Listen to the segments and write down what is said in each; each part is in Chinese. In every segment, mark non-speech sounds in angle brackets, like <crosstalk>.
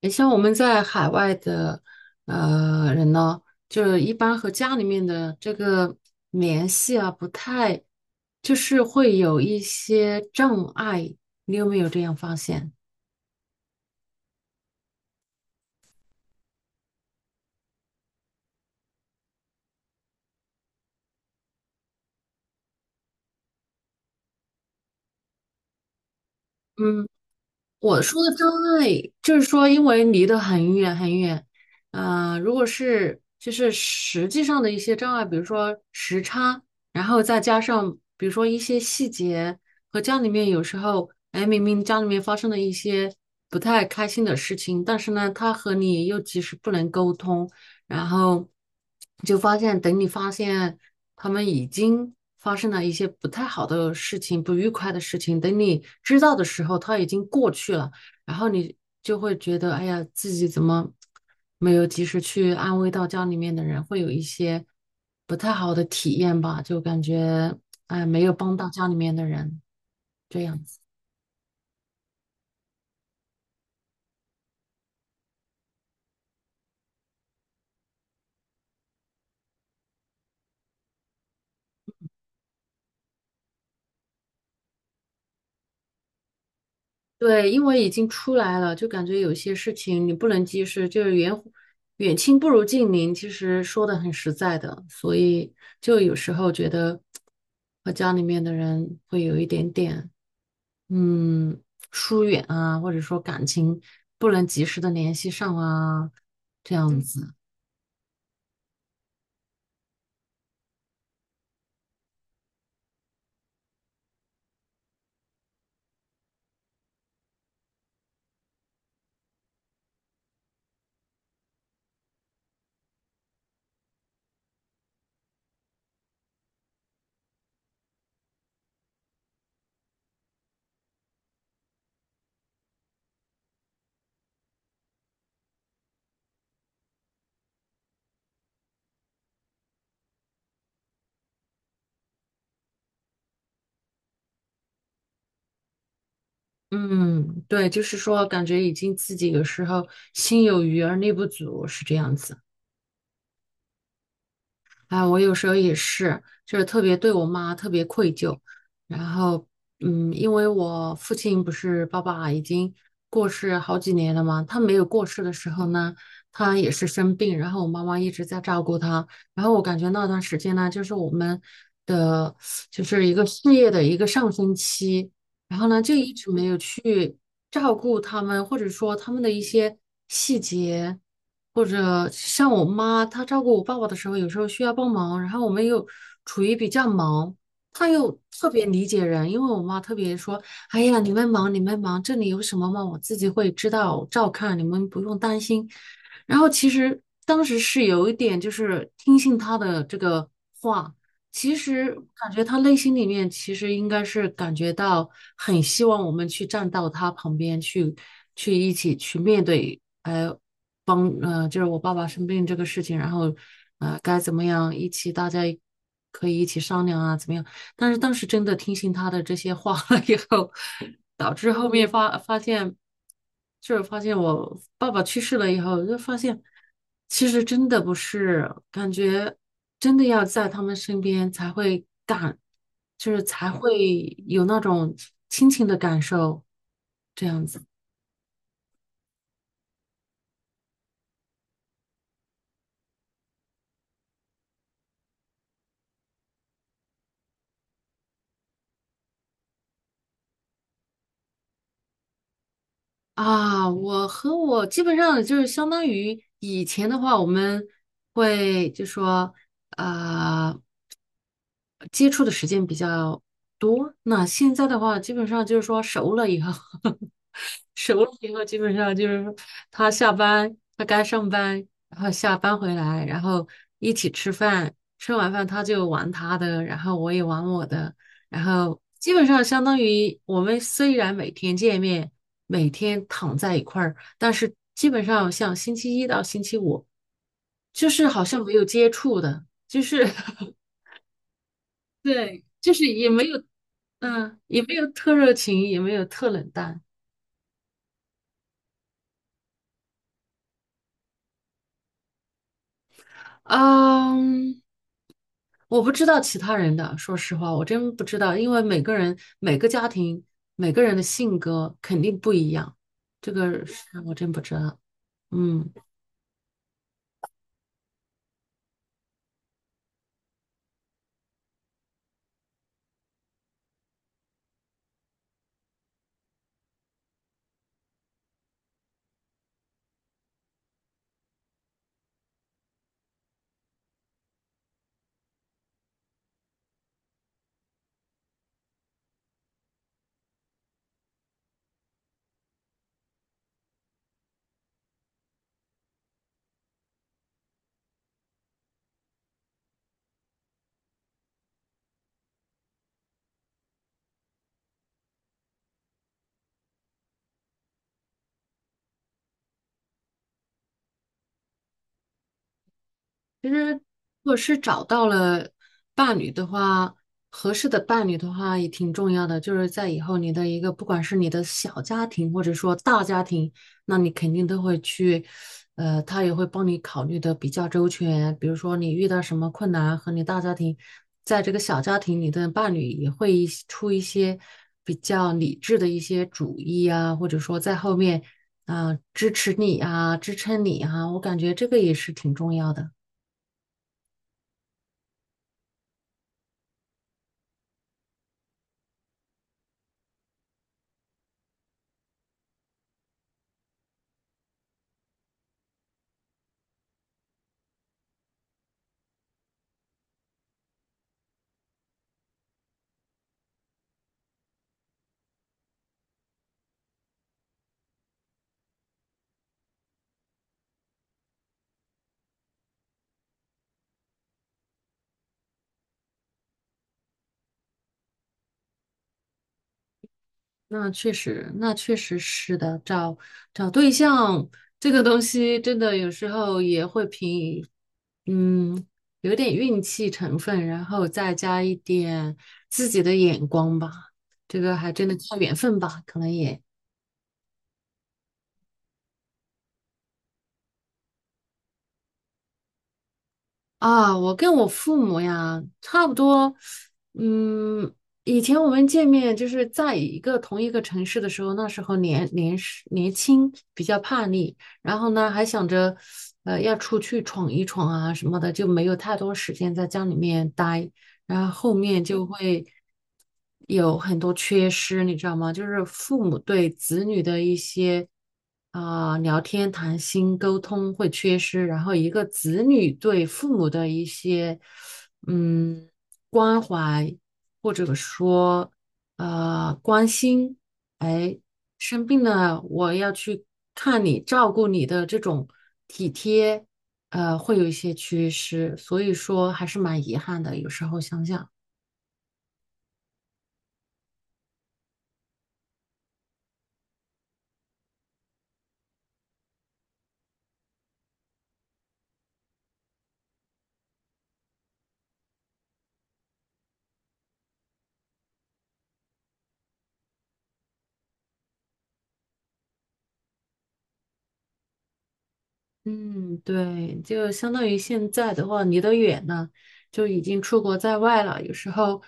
你像我们在海外的人呢，就是一般和家里面的这个联系啊，不太，就是会有一些障碍。你有没有这样发现？嗯。我说的障碍就是说，因为离得很远很远，如果是就是实际上的一些障碍，比如说时差，然后再加上比如说一些细节和家里面有时候，哎，明明家里面发生了一些不太开心的事情，但是呢，他和你又及时不能沟通，然后就发现，等你发现他们已经发生了一些不太好的事情、不愉快的事情，等你知道的时候，他已经过去了，然后你就会觉得，哎呀，自己怎么没有及时去安慰到家里面的人，会有一些不太好的体验吧，就感觉哎，没有帮到家里面的人，这样子。对，因为已经出来了，就感觉有些事情你不能及时，就是远远亲不如近邻，其实说的很实在的，所以就有时候觉得和家里面的人会有一点点嗯疏远啊，或者说感情不能及时的联系上啊，这样子。嗯，对，就是说感觉已经自己有时候心有余而力不足，是这样子。哎，我有时候也是，就是特别对我妈特别愧疚。然后，嗯，因为我父亲不是爸爸已经过世好几年了嘛，他没有过世的时候呢，他也是生病，然后我妈妈一直在照顾他。然后我感觉那段时间呢，就是我们的就是一个事业的一个上升期，然后呢就一直没有去照顾他们，或者说他们的一些细节。或者像我妈，她照顾我爸爸的时候，有时候需要帮忙，然后我们又处于比较忙，她又特别理解人，因为我妈特别说："哎呀，你们忙，你们忙，这里有什么嘛，我自己会知道，照看，你们不用担心。"然后其实当时是有一点就是听信她的这个话，其实感觉她内心里面其实应该是感觉到很希望我们去站到她旁边去，去一起去面对。呃帮呃，就是我爸爸生病这个事情，然后该怎么样一起大家可以一起商量啊，怎么样？但是当时真的听信他的这些话了以后，导致后面发现，就是发现我爸爸去世了以后，就发现其实真的不是，感觉真的要在他们身边才会感，就是才会有那种亲情的感受，这样子。啊，我和我基本上就是相当于以前的话，我们会就说，呃，接触的时间比较多。那现在的话，基本上就是说熟了以后，<laughs> 熟了以后，基本上就是说他下班，他该上班，然后下班回来，然后一起吃饭，吃完饭他就玩他的，然后我也玩我的，然后基本上相当于我们虽然每天见面，每天躺在一块儿，但是基本上像星期一到星期五，就是好像没有接触的，就是 <laughs> 对，就是也没有，嗯，也没有特热情，也没有特冷淡，嗯，我不知道其他人的，说实话，我真不知道，因为每个人、每个家庭、每个人的性格肯定不一样，这个是我真不知道，嗯。其实，如果是找到了伴侣的话，合适的伴侣的话也挺重要的。就是在以后你的一个，不管是你的小家庭或者说大家庭，那你肯定都会去，他也会帮你考虑的比较周全。比如说你遇到什么困难，和你大家庭，在这个小家庭里的伴侣也会一出一些比较理智的一些主意啊，或者说在后面啊，支持你啊，支撑你啊，我感觉这个也是挺重要的。那确实，那确实是的。找对象这个东西，真的有时候也会凭，嗯，有点运气成分，然后再加一点自己的眼光吧。这个还真的靠缘分吧，可能也。啊，我跟我父母呀，差不多，嗯，以前我们见面就是在一个同一个城市的时候，那时候年是年轻，比较叛逆，然后呢还想着，要出去闯一闯啊什么的，就没有太多时间在家里面待。然后后面就会有很多缺失，你知道吗？就是父母对子女的一些啊、聊天、谈心、沟通会缺失，然后一个子女对父母的一些嗯关怀或者说关心，哎，生病了我要去看你，照顾你的这种体贴。会有一些缺失，所以说还是蛮遗憾的。有时候想想，嗯，对，就相当于现在的话，离得远呢，就已经出国在外了。有时候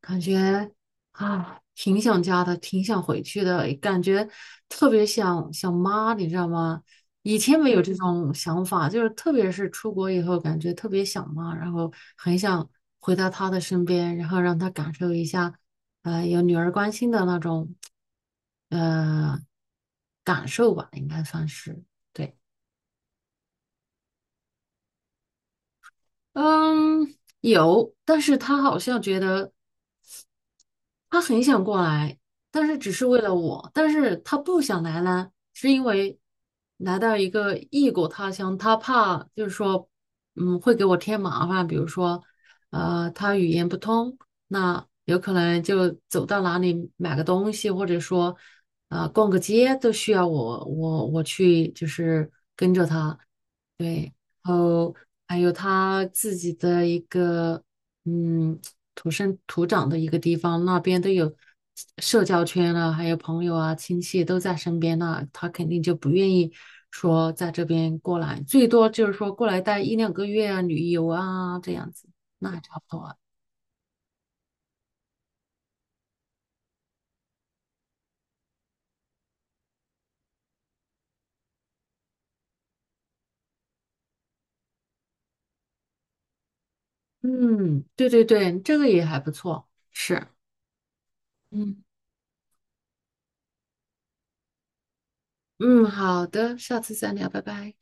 感觉啊，挺想家的，挺想回去的，感觉特别想妈，你知道吗？以前没有这种想法，就是特别是出国以后，感觉特别想妈，然后很想回到她的身边，然后让她感受一下，有女儿关心的那种。呃感受吧，应该算是对。嗯，有，但是他好像觉得他很想过来，但是只是为了我，但是他不想来呢，是因为来到一个异国他乡，他怕就是说，嗯，会给我添麻烦，比如说，他语言不通，那有可能就走到哪里买个东西，或者说。逛个街都需要我我去，就是对，然后还有他自己的一个嗯土生土长的一个地方，那边都有社交圈了，还有朋友啊、亲戚都在身边那他肯定就不愿意说在这边过来，最多就是说过来待一两个月啊、旅游啊这样子，那还差不多啊。嗯，对对对，这个也还不错，是，嗯嗯，好的，下次再聊，拜拜。